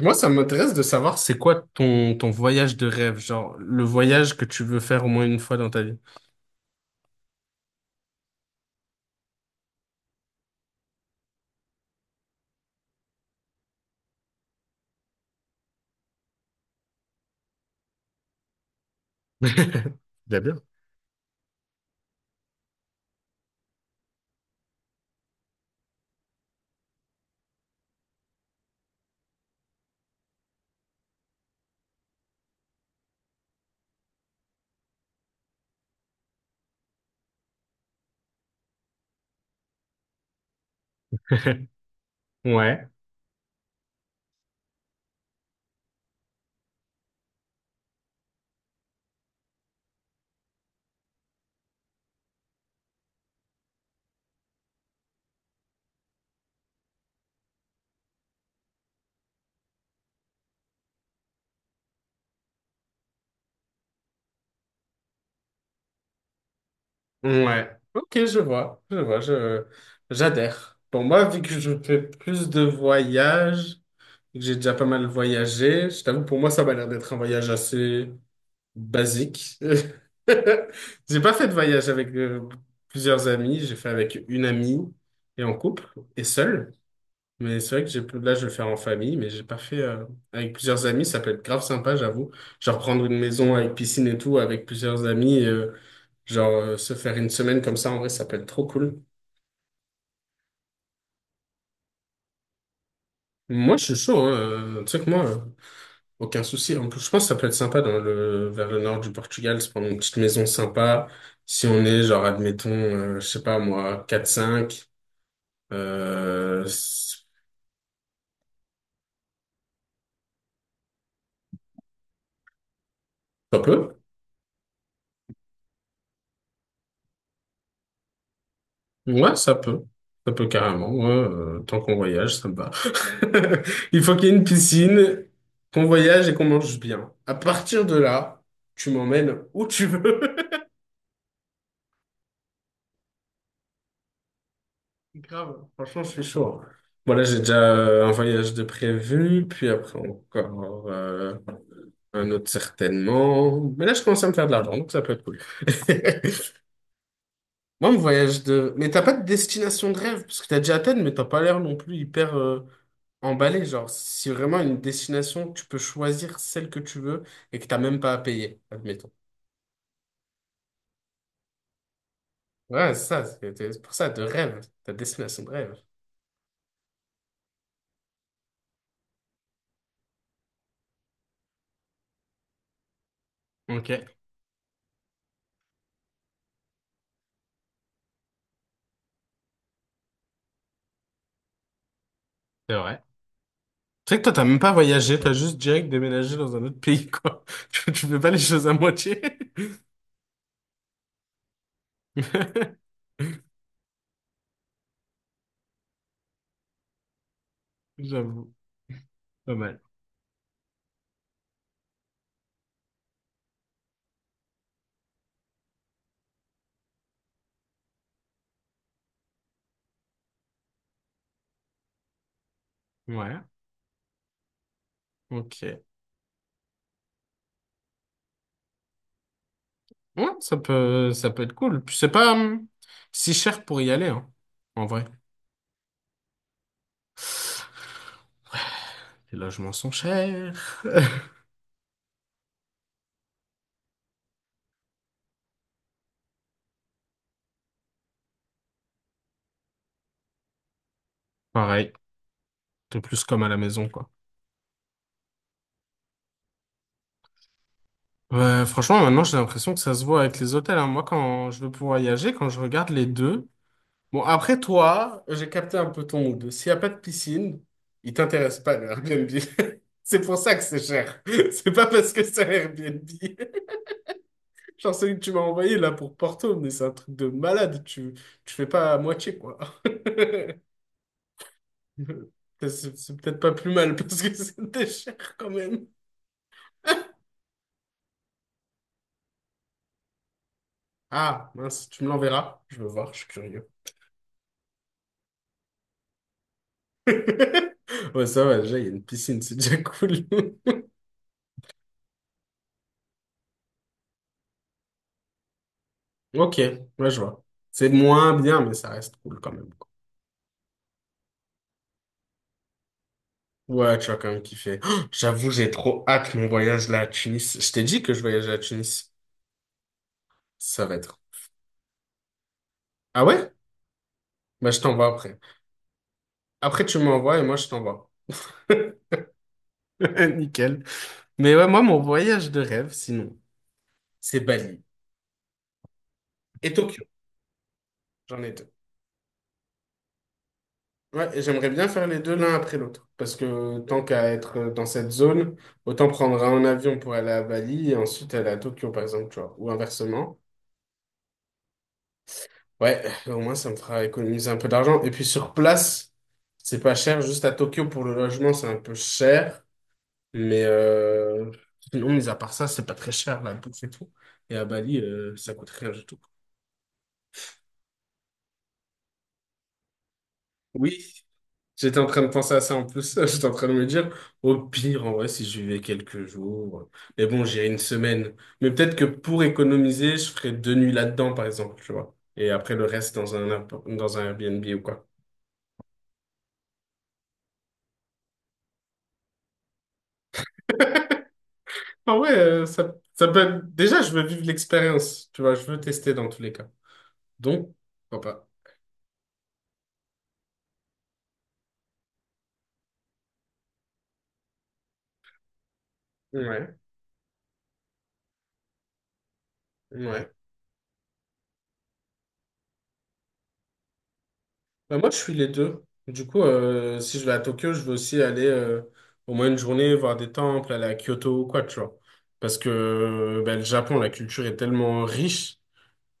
Moi, ça m'intéresse de savoir c'est quoi ton voyage de rêve, genre le voyage que tu veux faire au moins une fois dans ta vie. Ouais. Ouais. Ok, je vois, j'adhère. Bon, moi, vu que je fais plus de voyages, et que j'ai déjà pas mal voyagé, je t'avoue, pour moi, ça m'a l'air d'être un voyage assez basique. J'ai pas fait de voyage avec plusieurs amis, j'ai fait avec une amie et en couple et seul. Mais c'est vrai que j'ai, là, je vais le faire en famille, mais j'ai pas fait avec plusieurs amis. Ça peut être grave sympa, j'avoue. Genre prendre une maison avec piscine et tout, avec plusieurs amis, et, genre se faire une semaine comme ça, en vrai, ça peut être trop cool. Moi, je suis chaud, hein. Tu sais que moi, aucun souci. En plus, je pense que ça peut être sympa dans le, vers le nord du Portugal, se prendre une petite maison sympa. Si on est, genre, admettons, je sais pas moi, quatre cinq c'est pas peu. Ouais, ça peut. Ça peut carrément. Ouais, tant qu'on voyage, ça me va. Il faut qu'il y ait une piscine, qu'on voyage et qu'on mange bien. À partir de là, tu m'emmènes où tu veux. Grave, franchement, je suis chaud. Hein. Voilà, j'ai déjà un voyage de prévu, puis après encore un autre certainement. Mais là, je commence à me faire de l'argent, donc ça peut être cool. Moi, mon voyage de... Mais t'as pas de destination de rêve, parce que t'as déjà Athènes, mais t'as pas l'air non plus hyper... emballé, genre, si vraiment une destination, tu peux choisir celle que tu veux et que t'as même pas à payer, admettons. Ouais, c'est ça, c'est pour ça, de rêve, ta destination de rêve. Ok, c'est vrai. Tu sais que toi, t'as même pas voyagé, t'as juste direct déménagé dans un autre pays, quoi. Tu fais pas les choses à moitié. J'avoue, pas mal. Ouais, ok. Ouais, ça peut être cool. Puis c'est pas si cher pour y aller, hein, en vrai. Les logements sont chers. Pareil, t'es plus comme à la maison, quoi. Ouais, franchement, maintenant, j'ai l'impression que ça se voit avec les hôtels. Hein. Moi, quand je veux voyager, quand je regarde les deux, bon, après toi, j'ai capté un peu ton mood. S'il n'y a pas de piscine, il t'intéresse pas, le Airbnb. C'est pour ça que c'est cher. C'est pas parce que c'est un Airbnb. Genre celui que tu m'as envoyé là pour Porto, mais c'est un truc de malade. Tu fais pas à moitié, quoi. C'est peut-être pas plus mal parce que c'était cher quand même. Ah, mince, tu me l'enverras. Je veux voir, je suis curieux. Ouais, ça va, déjà, il y a une piscine, c'est déjà cool. Ok, ouais, je vois. C'est moins bien, mais ça reste cool quand même, quoi. Ouais, tu vas quand même kiffer. Oh, j'avoue, j'ai trop hâte mon voyage là à Tunis. Je t'ai dit que je voyage à Tunis. Ça va être. Ah ouais? Bah, je t'envoie après. Après, tu m'envoies et moi, je t'envoie. Nickel. Mais ouais, moi, mon voyage de rêve, sinon, c'est Bali et Tokyo. J'en ai deux. Ouais, et j'aimerais bien faire les deux l'un après l'autre. Parce que tant qu'à être dans cette zone, autant prendre un avion pour aller à Bali et ensuite aller à Tokyo, par exemple, tu vois. Ou inversement. Ouais, au moins ça me fera économiser un peu d'argent. Et puis sur place, c'est pas cher. Juste à Tokyo pour le logement, c'est un peu cher. Mais sinon, mis à part ça, c'est pas très cher la bouffe et tout. Et à Bali, ça coûte rien du tout. Oui, j'étais en train de penser à ça en plus. J'étais en train de me dire, au pire, en vrai, si je vivais quelques jours. Mais bon, j'irai une semaine. Mais peut-être que pour économiser, je ferais deux nuits là-dedans, par exemple, tu vois. Et après, le reste dans un, dans un Airbnb ou quoi. Ah ouais, ça, ça peut être... Déjà, je veux vivre l'expérience, tu vois. Je veux tester dans tous les cas. Donc, pourquoi pas. Ouais, ouais. Bah, moi, je suis les deux. Du coup, si je vais à Tokyo, je vais aussi aller au moins une journée voir des temples, aller à Kyoto ou quoi, tu vois. Parce que bah, le Japon, la culture est tellement riche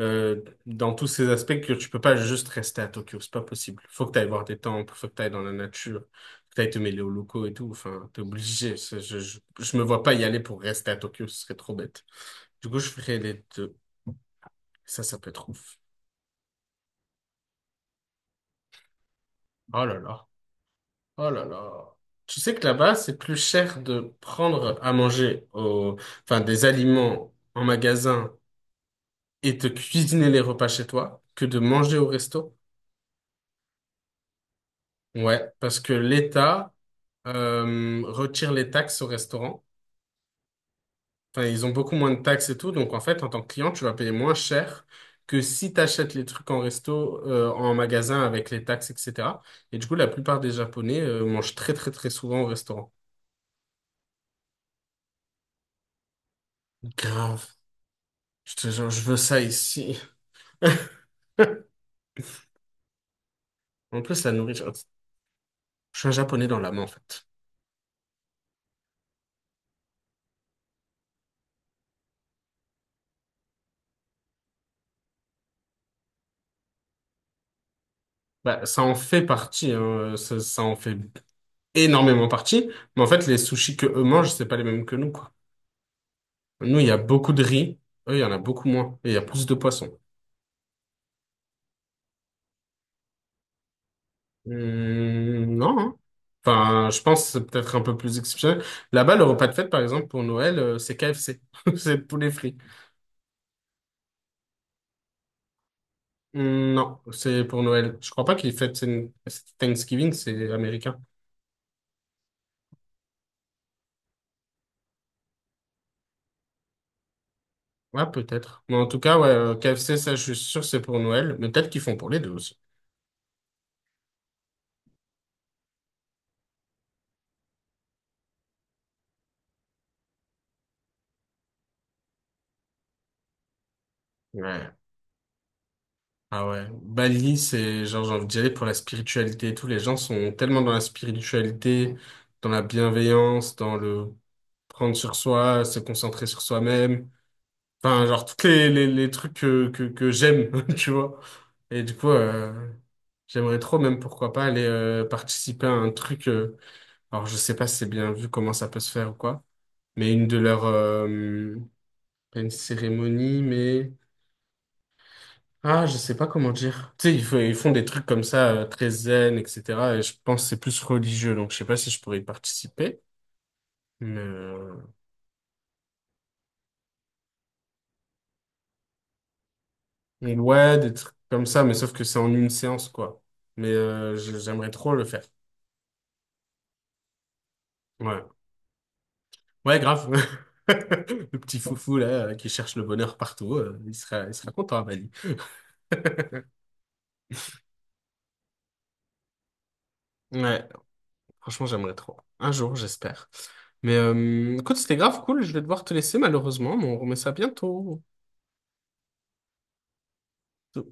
dans tous ces aspects que tu peux pas juste rester à Tokyo. C'est pas possible. Faut que tu ailles voir des temples, faut que tu ailles dans la nature, faut que tu ailles te mêler aux locaux et tout. Enfin, t'es obligé. Je me vois pas y aller pour rester à Tokyo, ce serait trop bête. Du coup, je ferai les deux. Ça peut être ouf. Oh là là. Oh là là. Tu sais que là-bas, c'est plus cher de prendre à manger au... enfin, des aliments en magasin et de cuisiner les repas chez toi que de manger au resto. Ouais, parce que l'État retire les taxes au restaurant. Enfin, ils ont beaucoup moins de taxes et tout. Donc, en fait, en tant que client, tu vas payer moins cher que si tu achètes les trucs en resto, en magasin avec les taxes, etc. Et du coup, la plupart des Japonais mangent très, très, très souvent au restaurant. Grave. Je te jure, je veux ça ici. En plus, la nourriture, je suis un japonais dans l'âme, en fait. Bah, ça en fait partie, hein. Ça en fait énormément partie. Mais en fait, les sushis que eux mangent, c'est pas les mêmes que nous, quoi. Nous, il y a beaucoup de riz. Eux, il y en a beaucoup moins. Et il y a plus de poissons. Non, hein. Enfin, je pense que c'est peut-être un peu plus exceptionnel. Là-bas, le repas de fête, par exemple, pour Noël, c'est KFC. C'est poulet frit. Non, c'est pour Noël. Je crois pas qu'ils fêtent Thanksgiving, c'est américain. Ouais, peut-être. Mais en tout cas, ouais, KFC, ça, je suis sûr, c'est pour Noël. Mais peut-être qu'ils font pour les deux aussi. Ouais. Ah ouais. Bali, c'est genre, j'ai envie d'y aller pour la spiritualité et tout. Les gens sont tellement dans la spiritualité, dans la bienveillance, dans le prendre sur soi, se concentrer sur soi-même. Enfin, genre, tous les trucs que j'aime, tu vois. Et du coup, j'aimerais trop, même pourquoi pas, aller participer à un truc. Alors, je sais pas si c'est bien vu comment ça peut se faire ou quoi, mais une de leurs pas une cérémonie, mais... Ah, je sais pas comment dire. Tu sais, ils font des trucs comme ça, très zen, etc. Et je pense que c'est plus religieux, donc je sais pas si je pourrais y participer. Mais euh, mais ouais, des trucs comme ça, mais sauf que c'est en une séance, quoi. Mais j'aimerais trop le faire. Ouais. Ouais, grave. Le petit foufou, là, qui cherche le bonheur partout, il sera content à Bali. Ouais, franchement, j'aimerais trop. Un jour, j'espère. Mais écoute, c'était grave cool. Je vais devoir te laisser, malheureusement, mais on remet ça bientôt. So